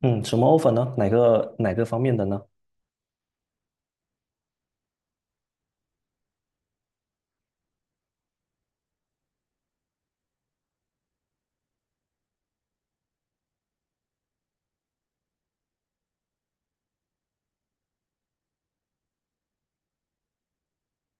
嗯，什么 offer 呢？哪个方面的呢？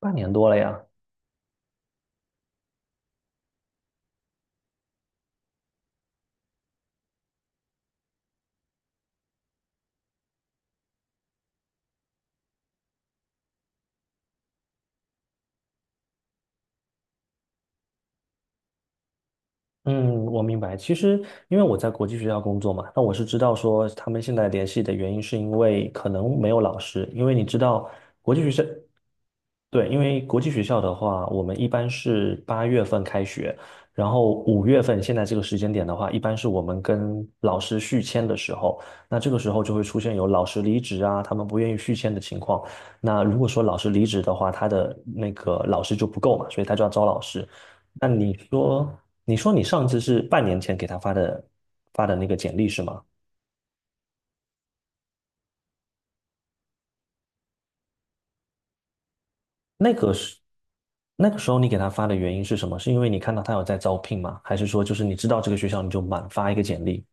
半年多了呀。嗯，我明白。其实，因为我在国际学校工作嘛，那我是知道说他们现在联系的原因是因为可能没有老师，因为你知道国际学校，对，因为国际学校的话，我们一般是八月份开学，然后5月份现在这个时间点的话，一般是我们跟老师续签的时候，那这个时候就会出现有老师离职啊，他们不愿意续签的情况。那如果说老师离职的话，他的那个老师就不够嘛，所以他就要招老师。那你说，你上次是半年前给他发的那个简历是吗？那个是那个时候你给他发的原因是什么？是因为你看到他有在招聘吗？还是说就是你知道这个学校你就满发一个简历？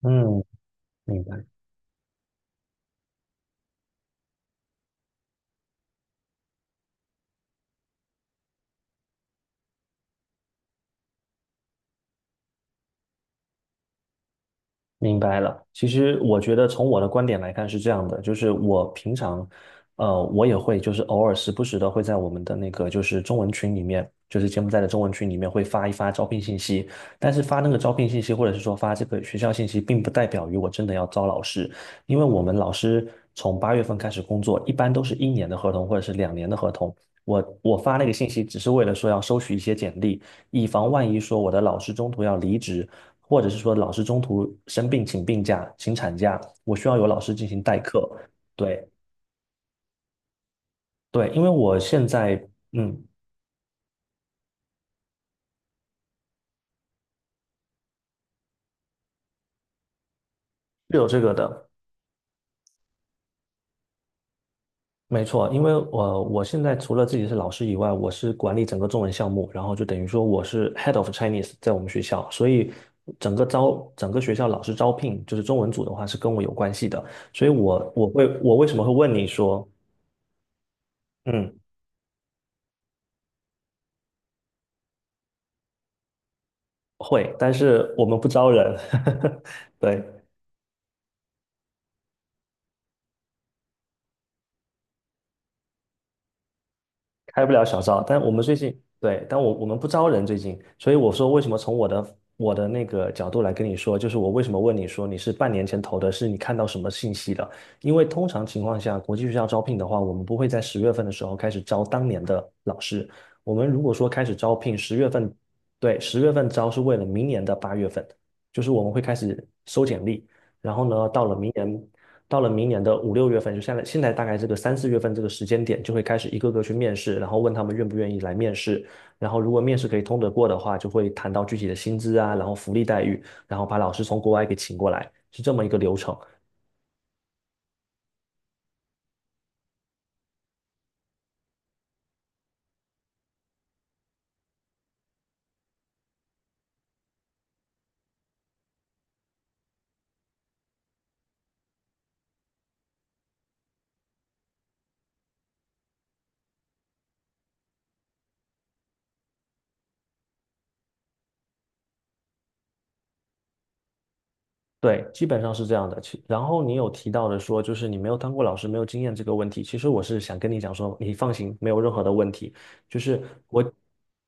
嗯，明白。明白了。其实我觉得从我的观点来看是这样的，就是我平常，我也会就是偶尔时不时的会在我们的那个就是中文群里面，就是柬埔寨的中文群里面会发一发招聘信息。但是发那个招聘信息或者是说发这个学校信息，并不代表于我真的要招老师，因为我们老师从八月份开始工作，一般都是1年的合同或者是两年的合同。我发那个信息只是为了说要收取一些简历，以防万一说我的老师中途要离职。或者是说老师中途生病请病假、请产假，我需要有老师进行代课。对对，因为我现在嗯是有这个的，没错，因为我现在除了自己是老师以外，我是管理整个中文项目，然后就等于说我是 head of Chinese 在我们学校，所以整个学校老师招聘就是中文组的话是跟我有关系的，所以我为什么会问你说嗯会，但是我们不招人，对。开不了小灶，但我们最近对，但我们不招人最近，所以我说为什么从我的那个角度来跟你说，就是我为什么问你说你是半年前投的，是你看到什么信息的？因为通常情况下，国际学校招聘的话，我们不会在十月份的时候开始招当年的老师，我们如果说开始招聘十月份，对，十月份招是为了明年的八月份，就是我们会开始收简历，然后呢，到了明年的5、6月份，就现在大概这个3、4月份这个时间点，就会开始一个个去面试，然后问他们愿不愿意来面试。然后如果面试可以通得过的话，就会谈到具体的薪资啊，然后福利待遇，然后把老师从国外给请过来，是这么一个流程。对，基本上是这样的。然后你有提到的说，就是你没有当过老师，没有经验这个问题。其实我是想跟你讲说，你放心，没有任何的问题。就是我，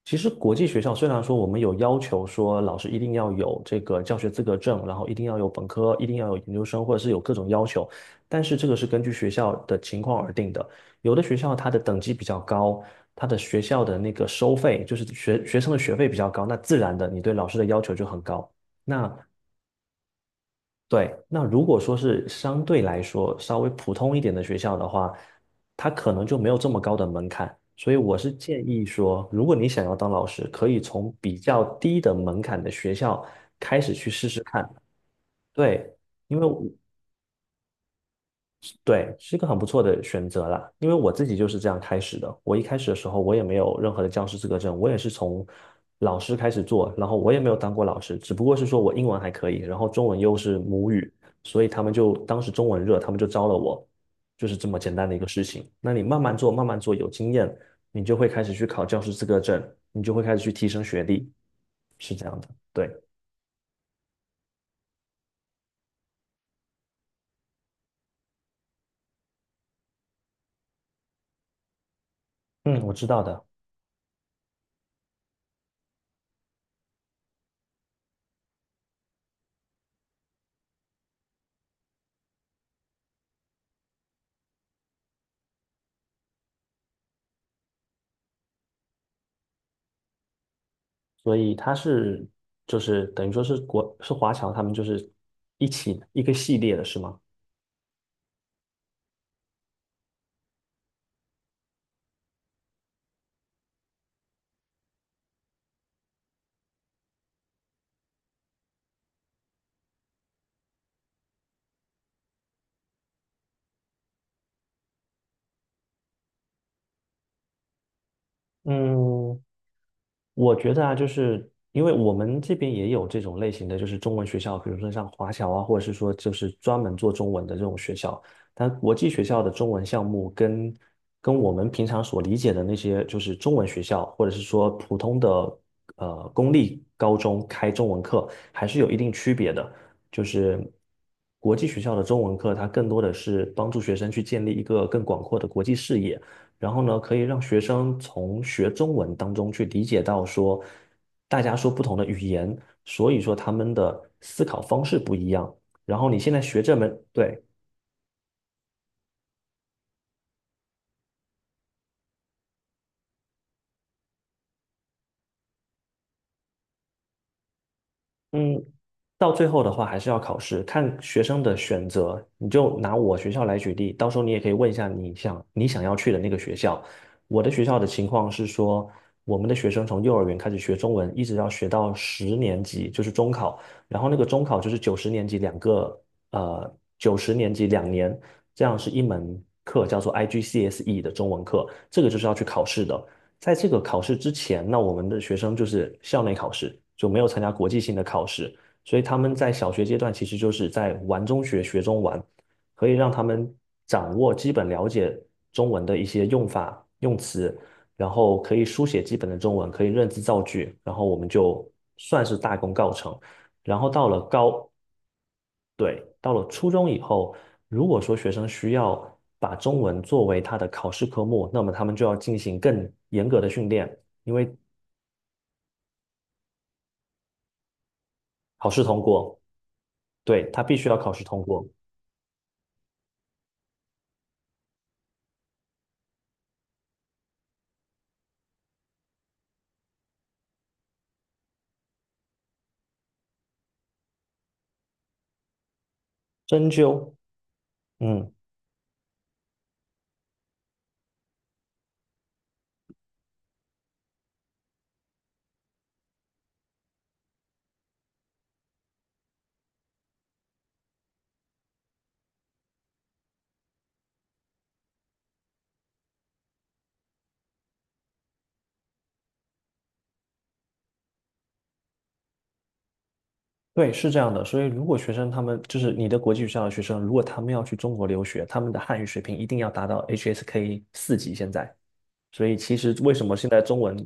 其实国际学校虽然说我们有要求说老师一定要有这个教学资格证，然后一定要有本科，一定要有研究生，或者是有各种要求，但是这个是根据学校的情况而定的。有的学校它的等级比较高，它的学校的那个收费，就是学生的学费比较高，那自然的你对老师的要求就很高。那对，那如果说是相对来说稍微普通一点的学校的话，它可能就没有这么高的门槛，所以我是建议说，如果你想要当老师，可以从比较低的门槛的学校开始去试试看。对，因为我对，是一个很不错的选择啦。因为我自己就是这样开始的。我一开始的时候，我也没有任何的教师资格证，我也是从老师开始做，然后我也没有当过老师，只不过是说我英文还可以，然后中文又是母语，所以他们就当时中文热，他们就招了我，就是这么简单的一个事情。那你慢慢做，慢慢做，有经验，你就会开始去考教师资格证，你就会开始去提升学历，是这样的。对，嗯，我知道的。所以就是等于说是华侨，他们就是一起一个系列的是吗？嗯，我觉得啊，就是因为我们这边也有这种类型的，就是中文学校，比如说像华侨啊，或者是说就是专门做中文的这种学校。但国际学校的中文项目跟我们平常所理解的那些就是中文学校，或者是说普通的公立高中开中文课，还是有一定区别的。就是国际学校的中文课，它更多的是帮助学生去建立一个更广阔的国际视野。然后呢，可以让学生从学中文当中去理解到说，大家说不同的语言，所以说他们的思考方式不一样。然后你现在学这门，对，嗯，到最后的话还是要考试，看学生的选择。你就拿我学校来举例，到时候你也可以问一下你想要去的那个学校。我的学校的情况是说，我们的学生从幼儿园开始学中文，一直要学到十年级，就是中考。然后那个中考就是九十年级两年，这样是一门课叫做 IGCSE 的中文课，这个就是要去考试的。在这个考试之前，那我们的学生就是校内考试，就没有参加国际性的考试，所以他们在小学阶段其实就是在玩中学，学中玩，可以让他们掌握基本了解中文的一些用法、用词，然后可以书写基本的中文，可以认字造句，然后我们就算是大功告成。然后到了高，对，到了初中以后，如果说学生需要把中文作为他的考试科目，那么他们就要进行更严格的训练，考试通过，对，他必须要考试通过。针灸，嗯，对，是这样的。所以如果学生他们就是你的国际学校的学生，如果他们要去中国留学，他们的汉语水平一定要达到 HSK 4级现在。所以其实为什么现在中文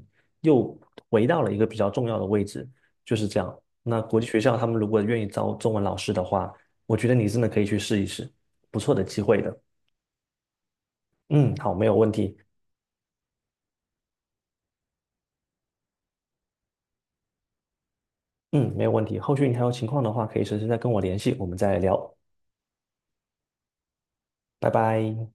又回到了一个比较重要的位置，就是这样。那国际学校他们如果愿意招中文老师的话，我觉得你真的可以去试一试，不错的机会的。嗯，好，没有问题。嗯，没有问题。后续你还有情况的话，可以随时再跟我联系，我们再聊。拜拜。